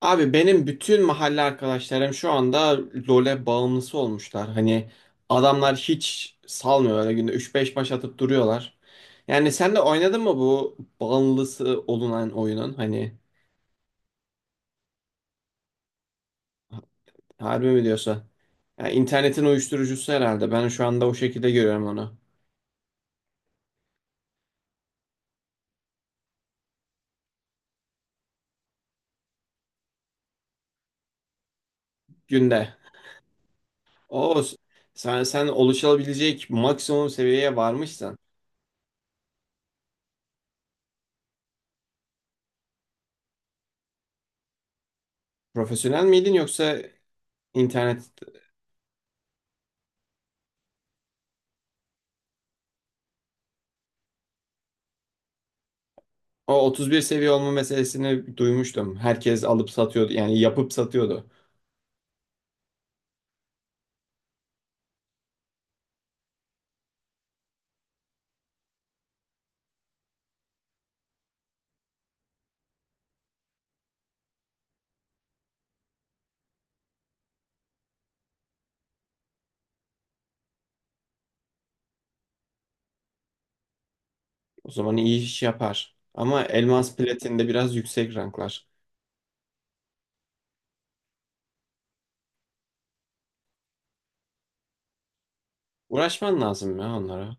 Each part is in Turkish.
Abi benim bütün mahalle arkadaşlarım şu anda LoL'e bağımlısı olmuşlar. Hani adamlar hiç salmıyor öyle günde üç beş baş atıp duruyorlar. Yani sen de oynadın mı bu bağımlısı olunan oyunun? Hani harbi mi diyorsa? Yani internetin uyuşturucusu herhalde. Ben şu anda o şekilde görüyorum onu. Günde. O sen oluşabilecek maksimum seviyeye varmışsın. Profesyonel miydin yoksa internet. O 31 seviye olma meselesini duymuştum. Herkes alıp satıyordu yani yapıp satıyordu. O zaman iyi iş yapar. Ama elmas platinde biraz yüksek ranklar. Uğraşman lazım ya onlara.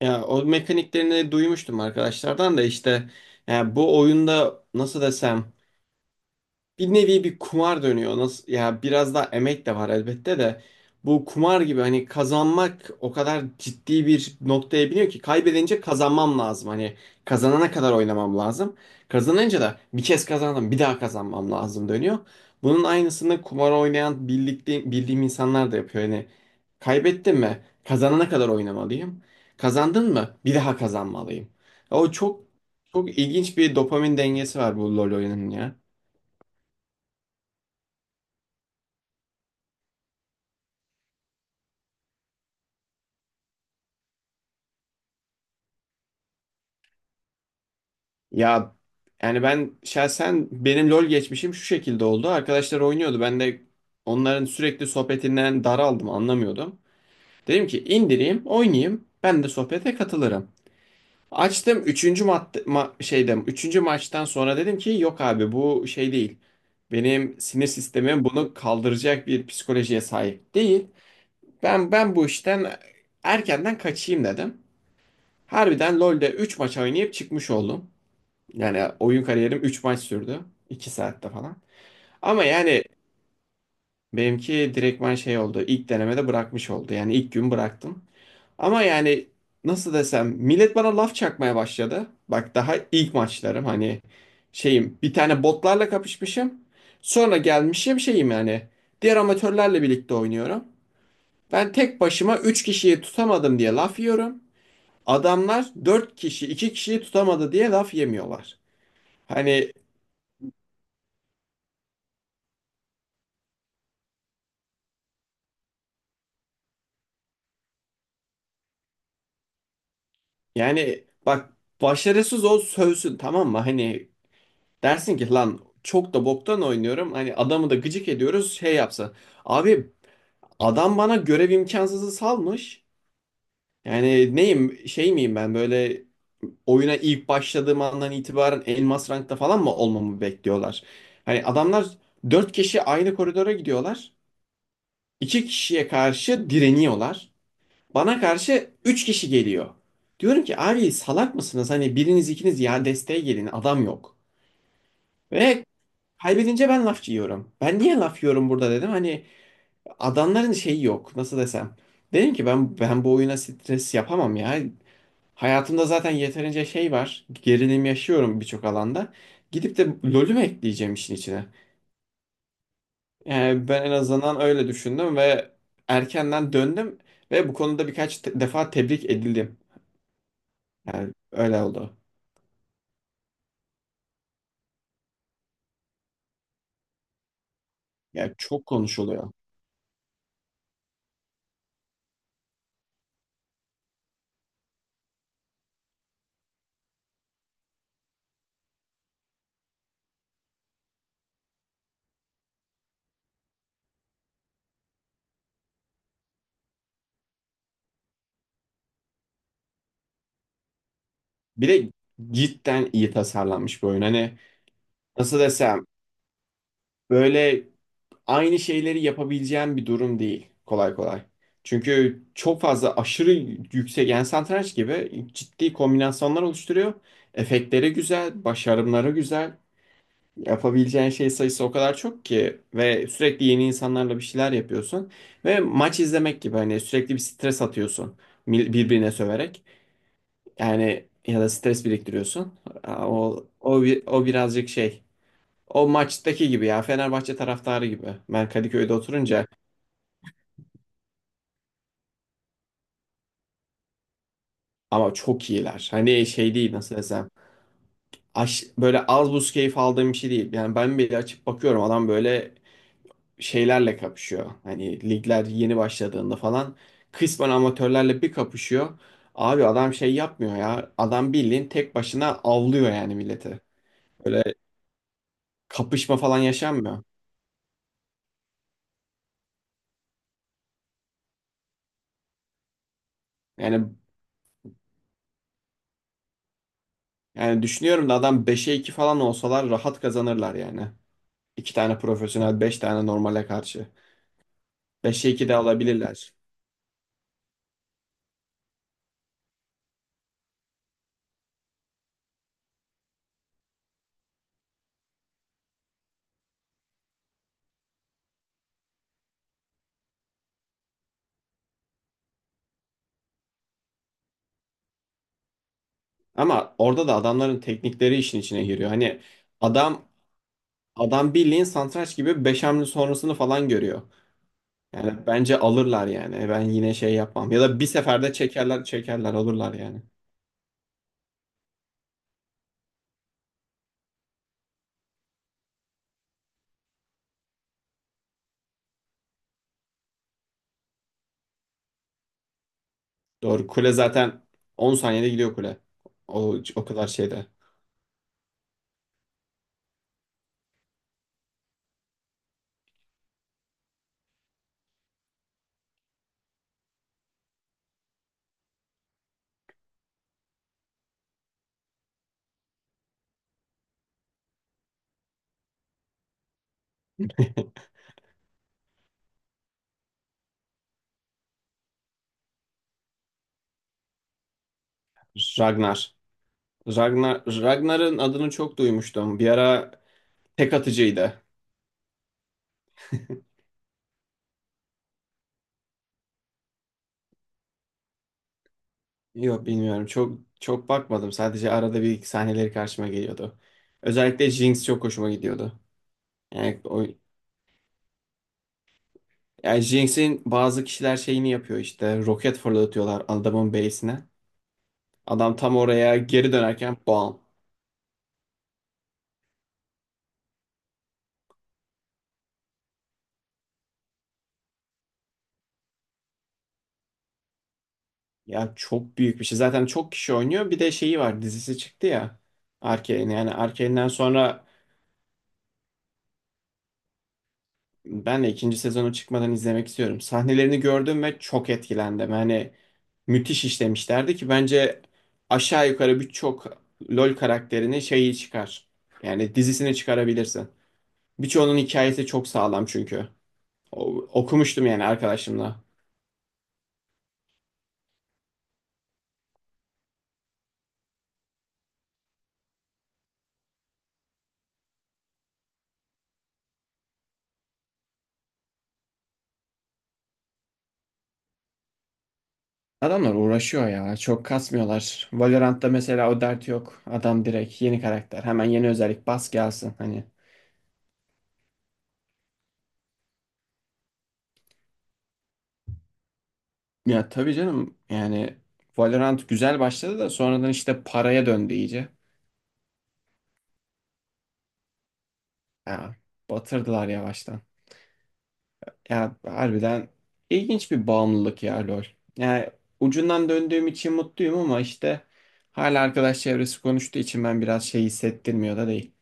Ya o mekaniklerini duymuştum arkadaşlardan da işte, ya bu oyunda nasıl desem bir nevi bir kumar dönüyor. Nasıl ya, biraz daha emek de var elbette de bu kumar gibi hani kazanmak o kadar ciddi bir noktaya biniyor ki kaybedince kazanmam lazım. Hani kazanana kadar oynamam lazım. Kazanınca da bir kez kazandım bir daha kazanmam lazım dönüyor. Bunun aynısını kumar oynayan birlikte bildiğim insanlar da yapıyor. Hani kaybettim mi kazanana kadar oynamalıyım. Kazandın mı bir daha kazanmalıyım. O çok çok ilginç bir dopamin dengesi var bu LoL oyunun ya. Ya yani ben şahsen, benim LoL geçmişim şu şekilde oldu. Arkadaşlar oynuyordu. Ben de onların sürekli sohbetinden daraldım, anlamıyordum. Dedim ki indireyim, oynayayım. Ben de sohbete katılırım. Açtım, şeyde üçüncü maçtan sonra dedim ki yok abi, bu şey değil. Benim sinir sistemim bunu kaldıracak bir psikolojiye sahip değil. Ben bu işten erkenden kaçayım dedim. Harbiden LoL'de 3 maç oynayıp çıkmış oldum. Yani oyun kariyerim 3 maç sürdü. İki saatte falan. Ama yani benimki direktman şey oldu. İlk denemede bırakmış oldu. Yani ilk gün bıraktım. Ama yani nasıl desem, millet bana laf çakmaya başladı. Bak daha ilk maçlarım hani, şeyim bir tane botlarla kapışmışım. Sonra gelmişim şeyim yani diğer amatörlerle birlikte oynuyorum. Ben tek başıma 3 kişiyi tutamadım diye laf yiyorum. Adamlar 4 kişi, 2 kişiyi tutamadı diye laf yemiyorlar. Hani yani bak, başarısız ol sövsün, tamam mı? Hani dersin ki lan çok da boktan oynuyorum. Hani adamı da gıcık ediyoruz şey yapsa. Abi, adam bana görev imkansızı salmış. Yani neyim, şey miyim ben böyle oyuna ilk başladığım andan itibaren elmas rankta falan mı olmamı bekliyorlar? Hani adamlar 4 kişi aynı koridora gidiyorlar. İki kişiye karşı direniyorlar. Bana karşı 3 kişi geliyor. Diyorum ki abi salak mısınız? Hani biriniz, ikiniz ya desteğe gelin, adam yok. Ve kaybedince ben laf yiyorum. Ben niye laf yiyorum burada dedim. Hani adamların şeyi yok, nasıl desem. Dedim ki ben bu oyuna stres yapamam ya. Hayatımda zaten yeterince şey var. Gerilim yaşıyorum birçok alanda. Gidip de LoL'ü mü ekleyeceğim işin içine? Yani ben en azından öyle düşündüm ve erkenden döndüm ve bu konuda birkaç defa tebrik edildim. Yani öyle oldu. Ya çok konuşuluyor. Bir de cidden iyi tasarlanmış bir oyun. Hani nasıl desem, böyle aynı şeyleri yapabileceğim bir durum değil kolay kolay. Çünkü çok fazla, aşırı yüksek yani satranç gibi ciddi kombinasyonlar oluşturuyor. Efektleri güzel, başarımları güzel. Yapabileceğin şey sayısı o kadar çok ki ve sürekli yeni insanlarla bir şeyler yapıyorsun. Ve maç izlemek gibi hani sürekli bir stres atıyorsun, birbirine söverek. Yani ya da stres biriktiriyorsun. Aa, o birazcık şey. O maçtaki gibi ya, Fenerbahçe taraftarı gibi. Ben Kadıköy'de oturunca ama çok iyiler. Hani şey değil, nasıl desem. Böyle az buz keyif aldığım bir şey değil. Yani ben bile açıp bakıyorum adam böyle şeylerle kapışıyor. Hani ligler yeni başladığında falan kısmen amatörlerle bir kapışıyor. Abi adam şey yapmıyor ya. Adam bildiğin tek başına avlıyor yani milleti. Böyle kapışma falan yaşanmıyor. Yani Yani düşünüyorum da adam 5'e 2 falan olsalar rahat kazanırlar yani. İki tane profesyonel, 5 tane normale karşı. 5'e 2 de alabilirler. Ama orada da adamların teknikleri işin içine giriyor. Hani adam adam bildiğin satranç gibi 5 hamle sonrasını falan görüyor. Yani bence alırlar yani. Ben yine şey yapmam. Ya da bir seferde çekerler çekerler alırlar yani. Doğru. Kule zaten 10 saniyede gidiyor kule. O kadar şeyde. Ragnar. Ragnar'ın adını çok duymuştum. Bir ara tek atıcıydı. Yok bilmiyorum. Çok çok bakmadım. Sadece arada bir iki sahneleri karşıma geliyordu. Özellikle Jinx çok hoşuma gidiyordu. Yani o Yani Jinx'in bazı kişiler şeyini yapıyor işte. Roket fırlatıyorlar adamın base'ine. Adam tam oraya geri dönerken bam. Ya çok büyük bir şey. Zaten çok kişi oynuyor. Bir de şeyi var, dizisi çıktı ya. Arcane. Yani Arcane'den sonra ben de ikinci sezonu çıkmadan izlemek istiyorum. Sahnelerini gördüm ve çok etkilendim. Hani müthiş işlemişlerdi ki bence aşağı yukarı birçok LoL karakterini şeyi çıkar. Yani dizisini çıkarabilirsin. Birçoğunun hikayesi çok sağlam çünkü. Okumuştum yani arkadaşımla. Adamlar uğraşıyor ya. Çok kasmıyorlar. Valorant'ta mesela o dert yok. Adam direkt yeni karakter. Hemen yeni özellik bas gelsin. Hani ya tabii canım yani, Valorant güzel başladı da sonradan işte paraya döndü iyice. Ya batırdılar yavaştan. Ya harbiden ilginç bir bağımlılık ya LoL. Yani ucundan döndüğüm için mutluyum ama işte hala arkadaş çevresi konuştuğu için ben biraz şey hissettirmiyor da değil.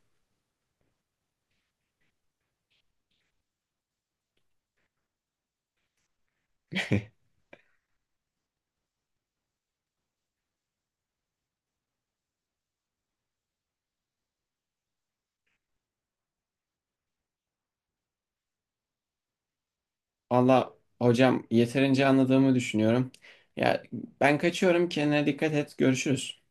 Valla hocam yeterince anladığımı düşünüyorum. Ya ben kaçıyorum, kendine dikkat et, görüşürüz.